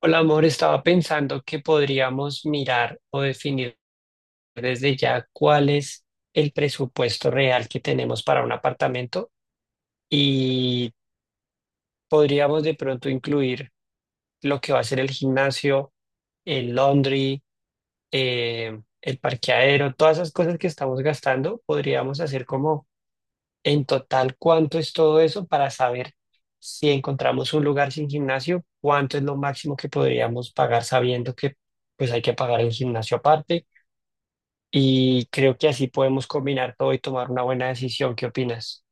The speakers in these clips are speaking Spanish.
Hola, amor, estaba pensando que podríamos mirar o definir desde ya cuál es el presupuesto real que tenemos para un apartamento y podríamos de pronto incluir lo que va a ser el gimnasio, el laundry, el parqueadero, todas esas cosas que estamos gastando, podríamos hacer como. En total, ¿cuánto es todo eso para saber si encontramos un lugar sin gimnasio? ¿Cuánto es lo máximo que podríamos pagar sabiendo que pues hay que pagar el gimnasio aparte? Y creo que así podemos combinar todo y tomar una buena decisión. ¿Qué opinas?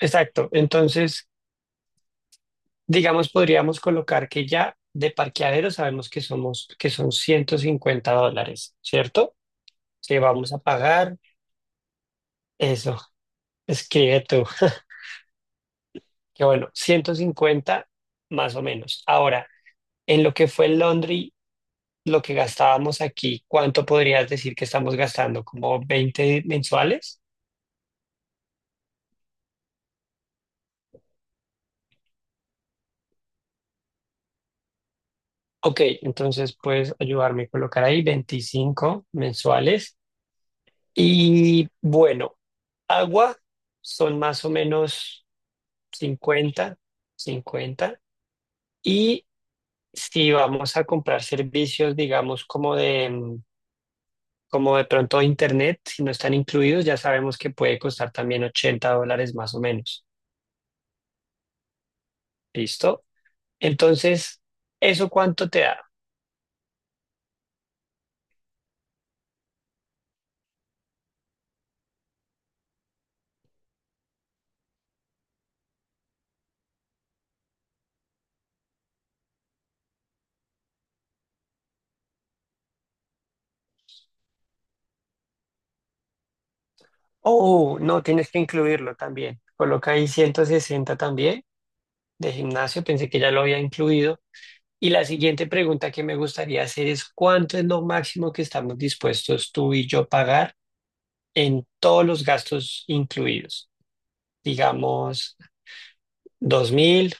Exacto. Entonces, digamos, podríamos colocar que ya de parqueadero sabemos que somos, que son $150, ¿cierto? Que vamos a pagar eso. Escribe tú. Que bueno, 150 más o menos. Ahora, en lo que fue en Londres, lo que gastábamos aquí, ¿cuánto podrías decir que estamos gastando? ¿Como 20 mensuales? Ok, entonces puedes ayudarme a colocar ahí 25 mensuales. Y bueno, agua son más o menos 50, 50. Y si vamos a comprar servicios, digamos, como de pronto internet, si no están incluidos, ya sabemos que puede costar también $80 más o menos. ¿Listo? Entonces, ¿eso cuánto te da? Oh, no, tienes que incluirlo también. Coloca ahí 160 también de gimnasio, pensé que ya lo había incluido. Y la siguiente pregunta que me gustaría hacer es, ¿cuánto es lo máximo que estamos dispuestos tú y yo pagar en todos los gastos incluidos? Digamos, 2000.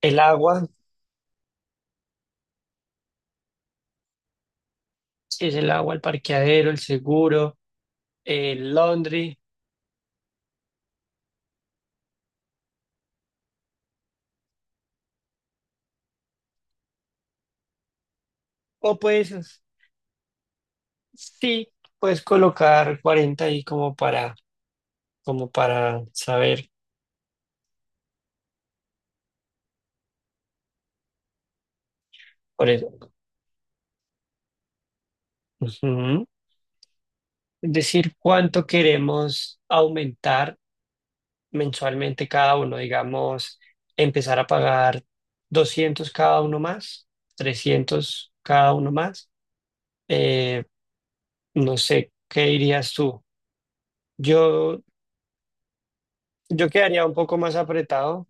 El agua, si es el agua, el parqueadero, el seguro, el laundry, o pues sí, puedes colocar 40 ahí como para como para saber por eso. Ujú. Es decir, cuánto queremos aumentar mensualmente cada uno, digamos, empezar a pagar 200 cada uno más, 300 cada uno más. Eh, no sé, ¿qué dirías tú? Yo, yo quedaría un poco más apretado,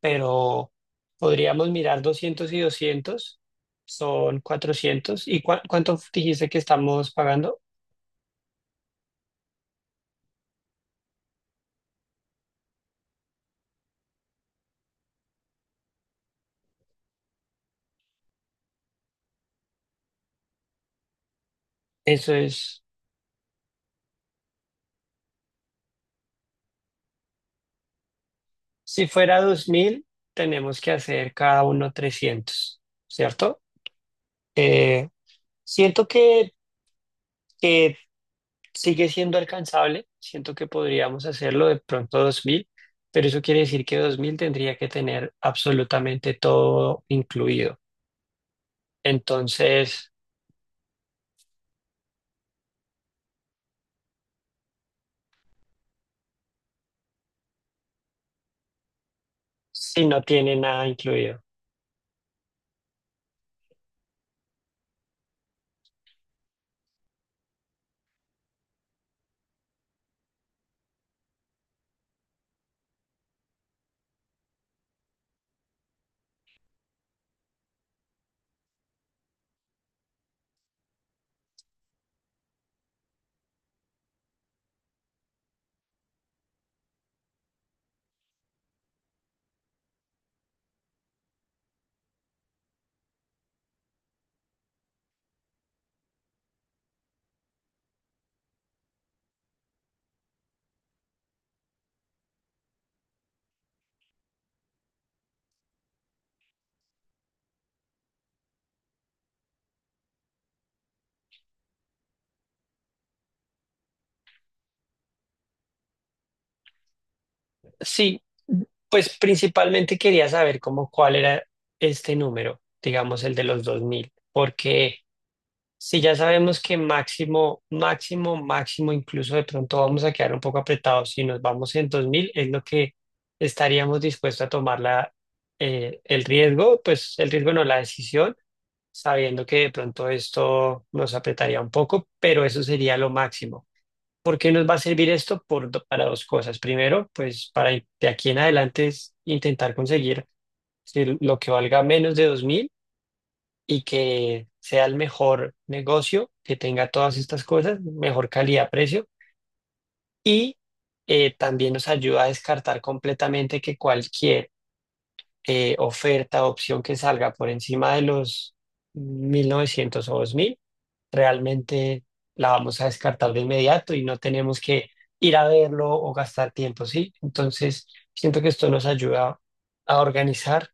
pero podríamos mirar 200 y 200 son 400. ¿Y cuánto dijiste que estamos pagando? Eso es. Si fuera 2000, tenemos que hacer cada uno 300, ¿cierto? Eh, siento que sigue siendo alcanzable, siento que podríamos hacerlo de pronto 2000, pero eso quiere decir que 2000 tendría que tener absolutamente todo incluido. Entonces, si no tiene nada incluido. Sí, pues principalmente quería saber cómo cuál era este número, digamos el de los 2000, porque... Si ya sabemos que máximo, máximo, máximo, incluso de pronto vamos a quedar un poco apretados, si nos vamos en 2000 es lo que estaríamos dispuestos a tomar la, el riesgo, pues el riesgo no, la decisión, sabiendo que de pronto esto nos apretaría un poco, pero eso sería lo máximo. ¿Por qué nos va a servir esto? Por, para dos cosas. Primero, pues para de aquí en adelante es intentar conseguir si lo que valga menos de 2.000 y que sea el mejor negocio, que tenga todas estas cosas, mejor calidad-precio y también nos ayuda a descartar completamente que cualquier oferta o opción que salga por encima de los 1900 o 2000 realmente la vamos a descartar de inmediato y no tenemos que ir a verlo o gastar tiempo, ¿sí? Entonces, siento que esto nos ayuda a organizar.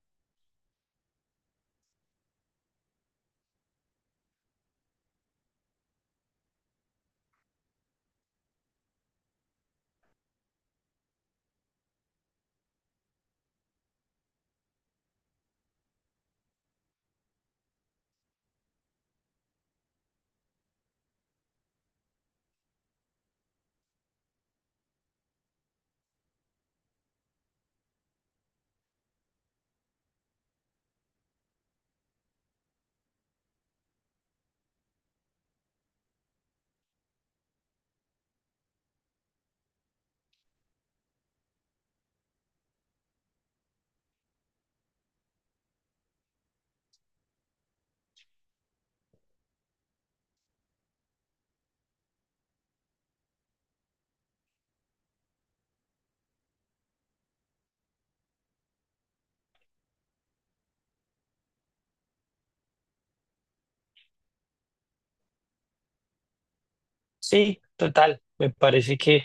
Sí, total, me parece que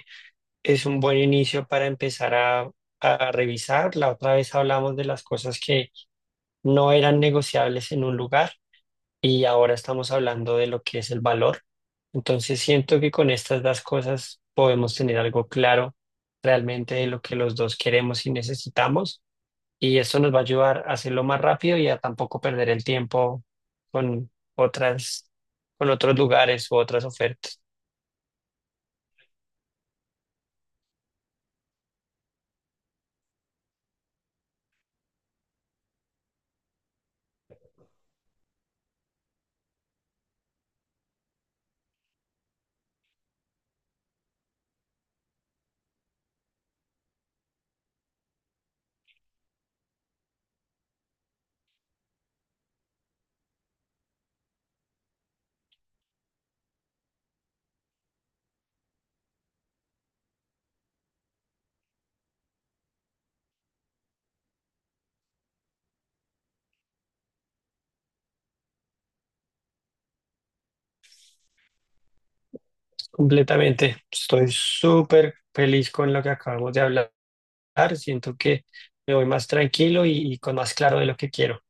es un buen inicio para empezar a revisar. La otra vez hablamos de las cosas que no eran negociables en un lugar y ahora estamos hablando de lo que es el valor. Entonces siento que con estas dos cosas podemos tener algo claro realmente de lo que los dos queremos y necesitamos y eso nos va a ayudar a hacerlo más rápido y a tampoco perder el tiempo con otras, con otros lugares u otras ofertas. Completamente. Estoy súper feliz con lo que acabamos de hablar. Siento que me voy más tranquilo y con más claro de lo que quiero.